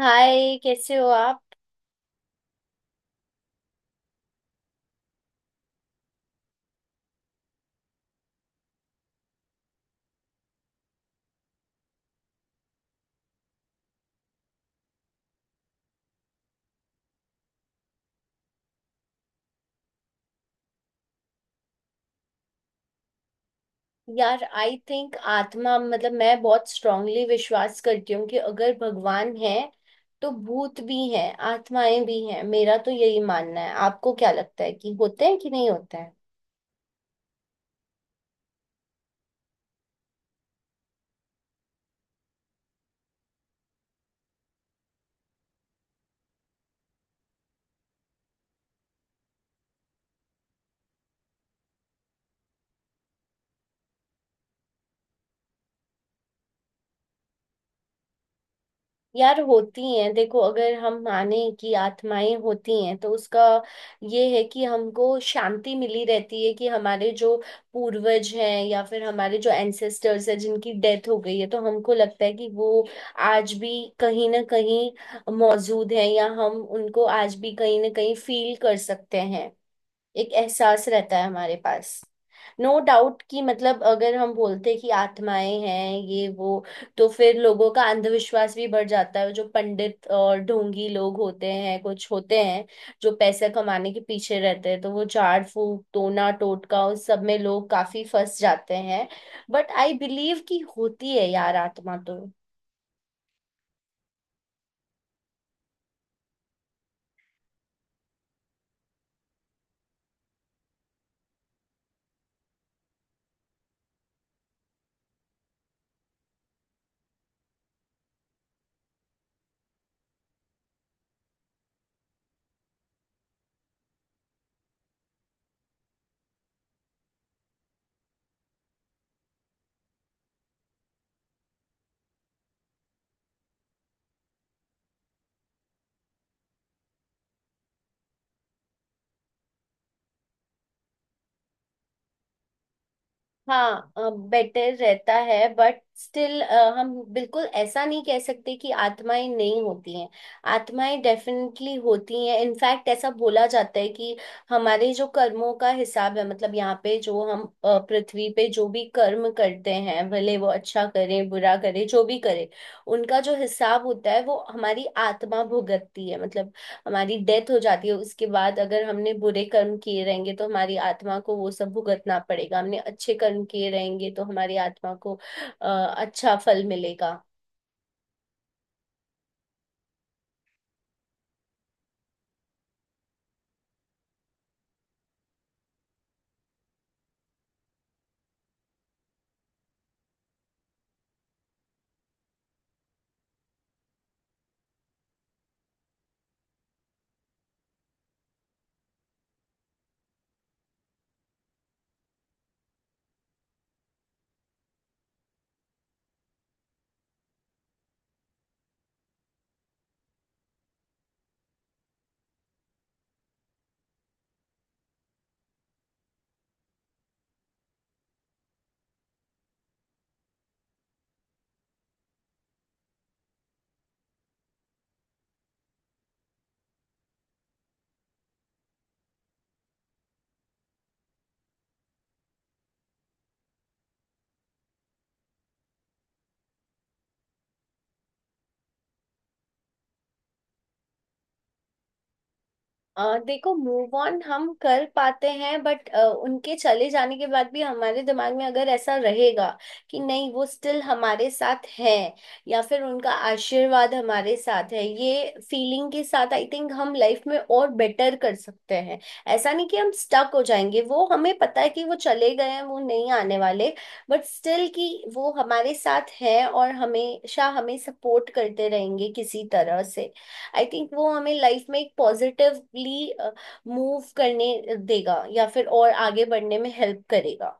हाय, कैसे हो आप? यार आई थिंक आत्मा मतलब मैं बहुत स्ट्रांगली विश्वास करती हूँ कि अगर भगवान है तो भूत भी हैं आत्माएं भी हैं। मेरा तो यही मानना है। आपको क्या लगता है कि होते हैं कि नहीं होते? यार होती हैं। देखो अगर हम माने कि आत्माएं होती हैं तो उसका ये है कि हमको शांति मिली रहती है कि हमारे जो पूर्वज हैं या फिर हमारे जो एंसेस्टर्स हैं जिनकी डेथ हो गई है तो हमको लगता है कि वो आज भी कहीं ना कहीं मौजूद हैं या हम उनको आज भी कहीं ना कहीं फील कर सकते हैं। एक एहसास रहता है हमारे पास। नो डाउट कि मतलब अगर हम बोलते कि आत्माएं हैं ये वो तो फिर लोगों का अंधविश्वास भी बढ़ जाता है। जो पंडित और ढोंगी लोग होते हैं, कुछ होते हैं जो पैसे कमाने के पीछे रहते हैं तो वो झाड़ फूक टोना टोटका उस सब में लोग काफी फंस जाते हैं। बट आई बिलीव कि होती है यार आत्मा तो। हाँ, बेटर रहता है बट स्टिल हम बिल्कुल ऐसा नहीं कह सकते कि आत्माएं नहीं होती हैं। आत्माएं डेफिनेटली होती हैं। इनफैक्ट ऐसा बोला जाता है कि हमारे जो कर्मों का हिसाब है मतलब यहाँ पे जो हम पृथ्वी पे जो भी कर्म करते हैं, भले वो अच्छा करें बुरा करें जो भी करें, उनका जो हिसाब होता है वो हमारी आत्मा भुगतती है। मतलब हमारी डेथ हो जाती है, उसके बाद अगर हमने बुरे कर्म किए रहेंगे तो हमारी आत्मा को वो सब भुगतना पड़ेगा, हमने अच्छे कर्म किए रहेंगे तो हमारी आत्मा को अ, अच्छा फल मिलेगा। देखो मूव ऑन हम कर पाते हैं बट उनके चले जाने के बाद भी हमारे दिमाग में अगर ऐसा रहेगा कि नहीं, वो स्टिल हमारे साथ है या फिर उनका आशीर्वाद हमारे साथ है, ये फीलिंग के साथ आई थिंक हम लाइफ में और बेटर कर सकते हैं। ऐसा नहीं कि हम स्टक हो जाएंगे, वो हमें पता है कि वो चले गए हैं, वो नहीं आने वाले, बट स्टिल कि वो हमारे साथ है और हमेशा हमें सपोर्ट करते रहेंगे किसी तरह से। आई थिंक वो हमें लाइफ में एक पॉजिटिवली मूव करने देगा या फिर और आगे बढ़ने में हेल्प करेगा।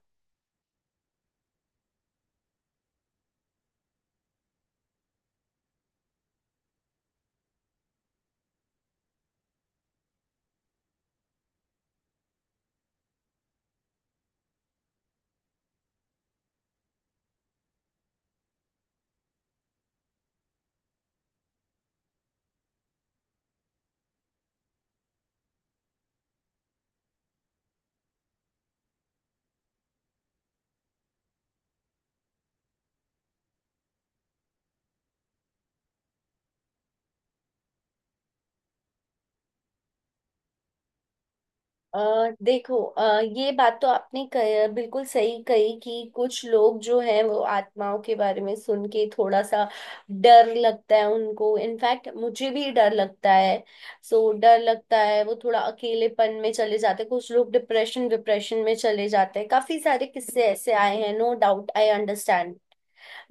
अ देखो, ये बात तो आपने बिल्कुल सही कही कि कुछ लोग जो हैं वो आत्माओं के बारे में सुन के थोड़ा सा डर लगता है उनको। इनफैक्ट मुझे भी डर लगता है। सो डर लगता है, वो थोड़ा अकेलेपन में चले जाते हैं, कुछ लोग डिप्रेशन डिप्रेशन में चले जाते हैं। काफी सारे किस्से ऐसे आए हैं, no doubt, I understand.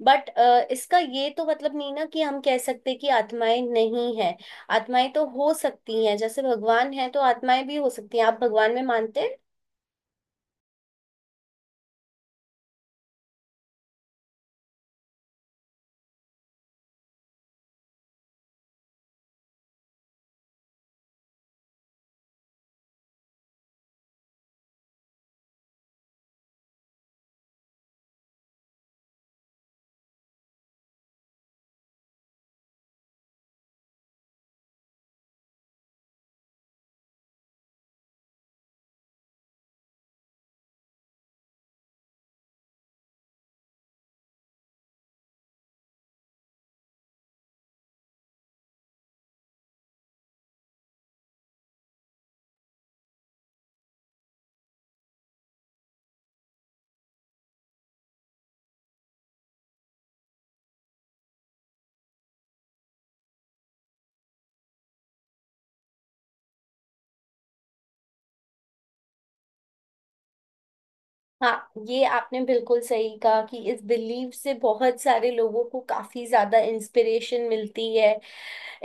But इसका ये तो मतलब नहीं ना कि हम कह सकते कि आत्माएं नहीं है। आत्माएं तो हो सकती हैं, जैसे भगवान है तो आत्माएं भी हो सकती हैं। आप भगवान में मानते हैं? हाँ, ये आपने बिल्कुल सही कहा कि इस बिलीव से बहुत सारे लोगों को काफी ज्यादा इंस्पिरेशन मिलती है।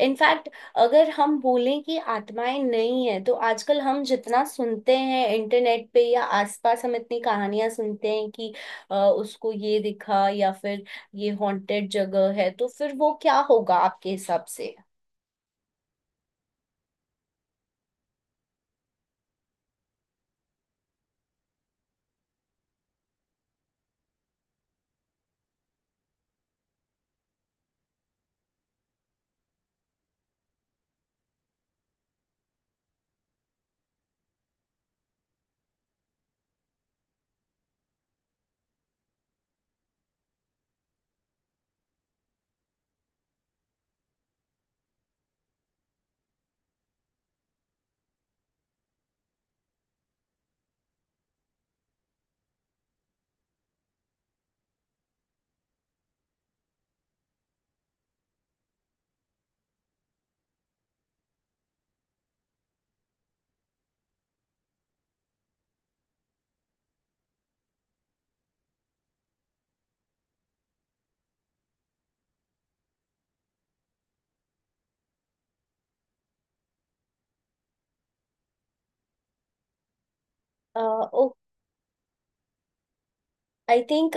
इनफैक्ट अगर हम बोलें कि आत्माएं नहीं है तो आजकल हम जितना सुनते हैं इंटरनेट पे या आसपास, हम इतनी कहानियां सुनते हैं कि उसको ये दिखा या फिर ये हॉन्टेड जगह है, तो फिर वो क्या होगा आपके हिसाब से? आई थिंक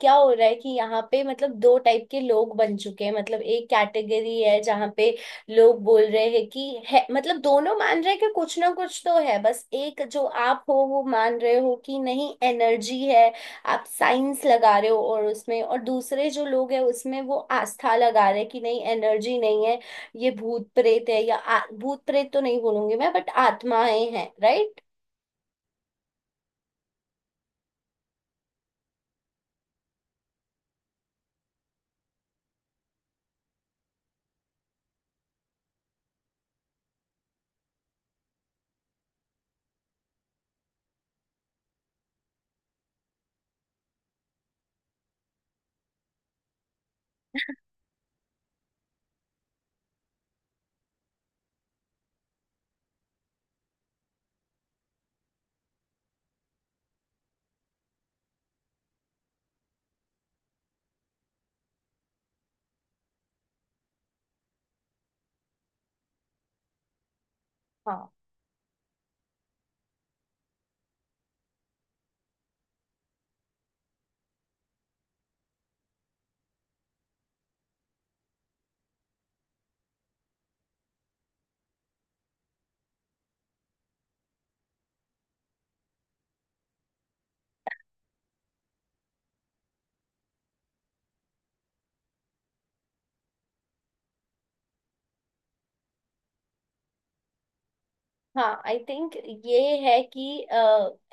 क्या हो रहा है कि यहाँ पे मतलब दो टाइप के लोग बन चुके हैं। मतलब एक कैटेगरी है जहाँ पे लोग बोल रहे हैं कि है, मतलब दोनों मान रहे हैं कि कुछ ना कुछ तो है, बस एक जो आप हो वो मान रहे हो कि नहीं एनर्जी है, आप साइंस लगा रहे हो और उसमें, और दूसरे जो लोग हैं उसमें वो आस्था लगा रहे हैं कि नहीं एनर्जी नहीं है, ये भूत प्रेत है। या भूत प्रेत तो नहीं बोलूंगी मैं, बट आत्माएं हैं, राइट? हाँ आई थिंक ये है कि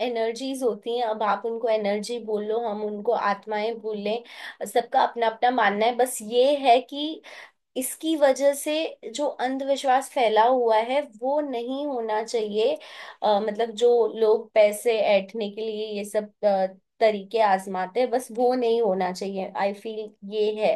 एनर्जीज होती हैं। अब आप उनको एनर्जी बोल लो हम उनको आत्माएं बोल लें, सबका अपना अपना मानना है। बस ये है कि इसकी वजह से जो अंधविश्वास फैला हुआ है वो नहीं होना चाहिए। मतलब जो लोग पैसे ऐंठने के लिए ये सब तरीके आजमाते हैं, बस वो नहीं होना चाहिए, आई फील ये है।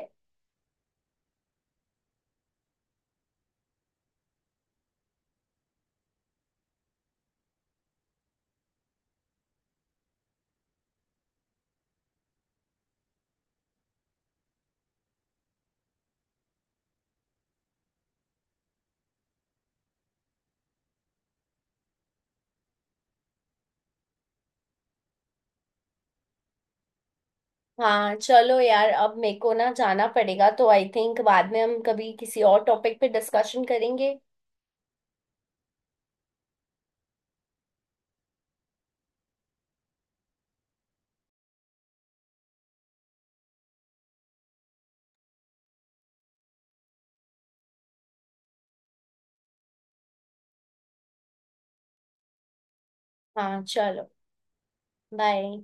हाँ चलो यार, अब मेरे को ना जाना पड़ेगा तो आई थिंक बाद में हम कभी किसी और टॉपिक पे डिस्कशन करेंगे। हाँ चलो, बाय।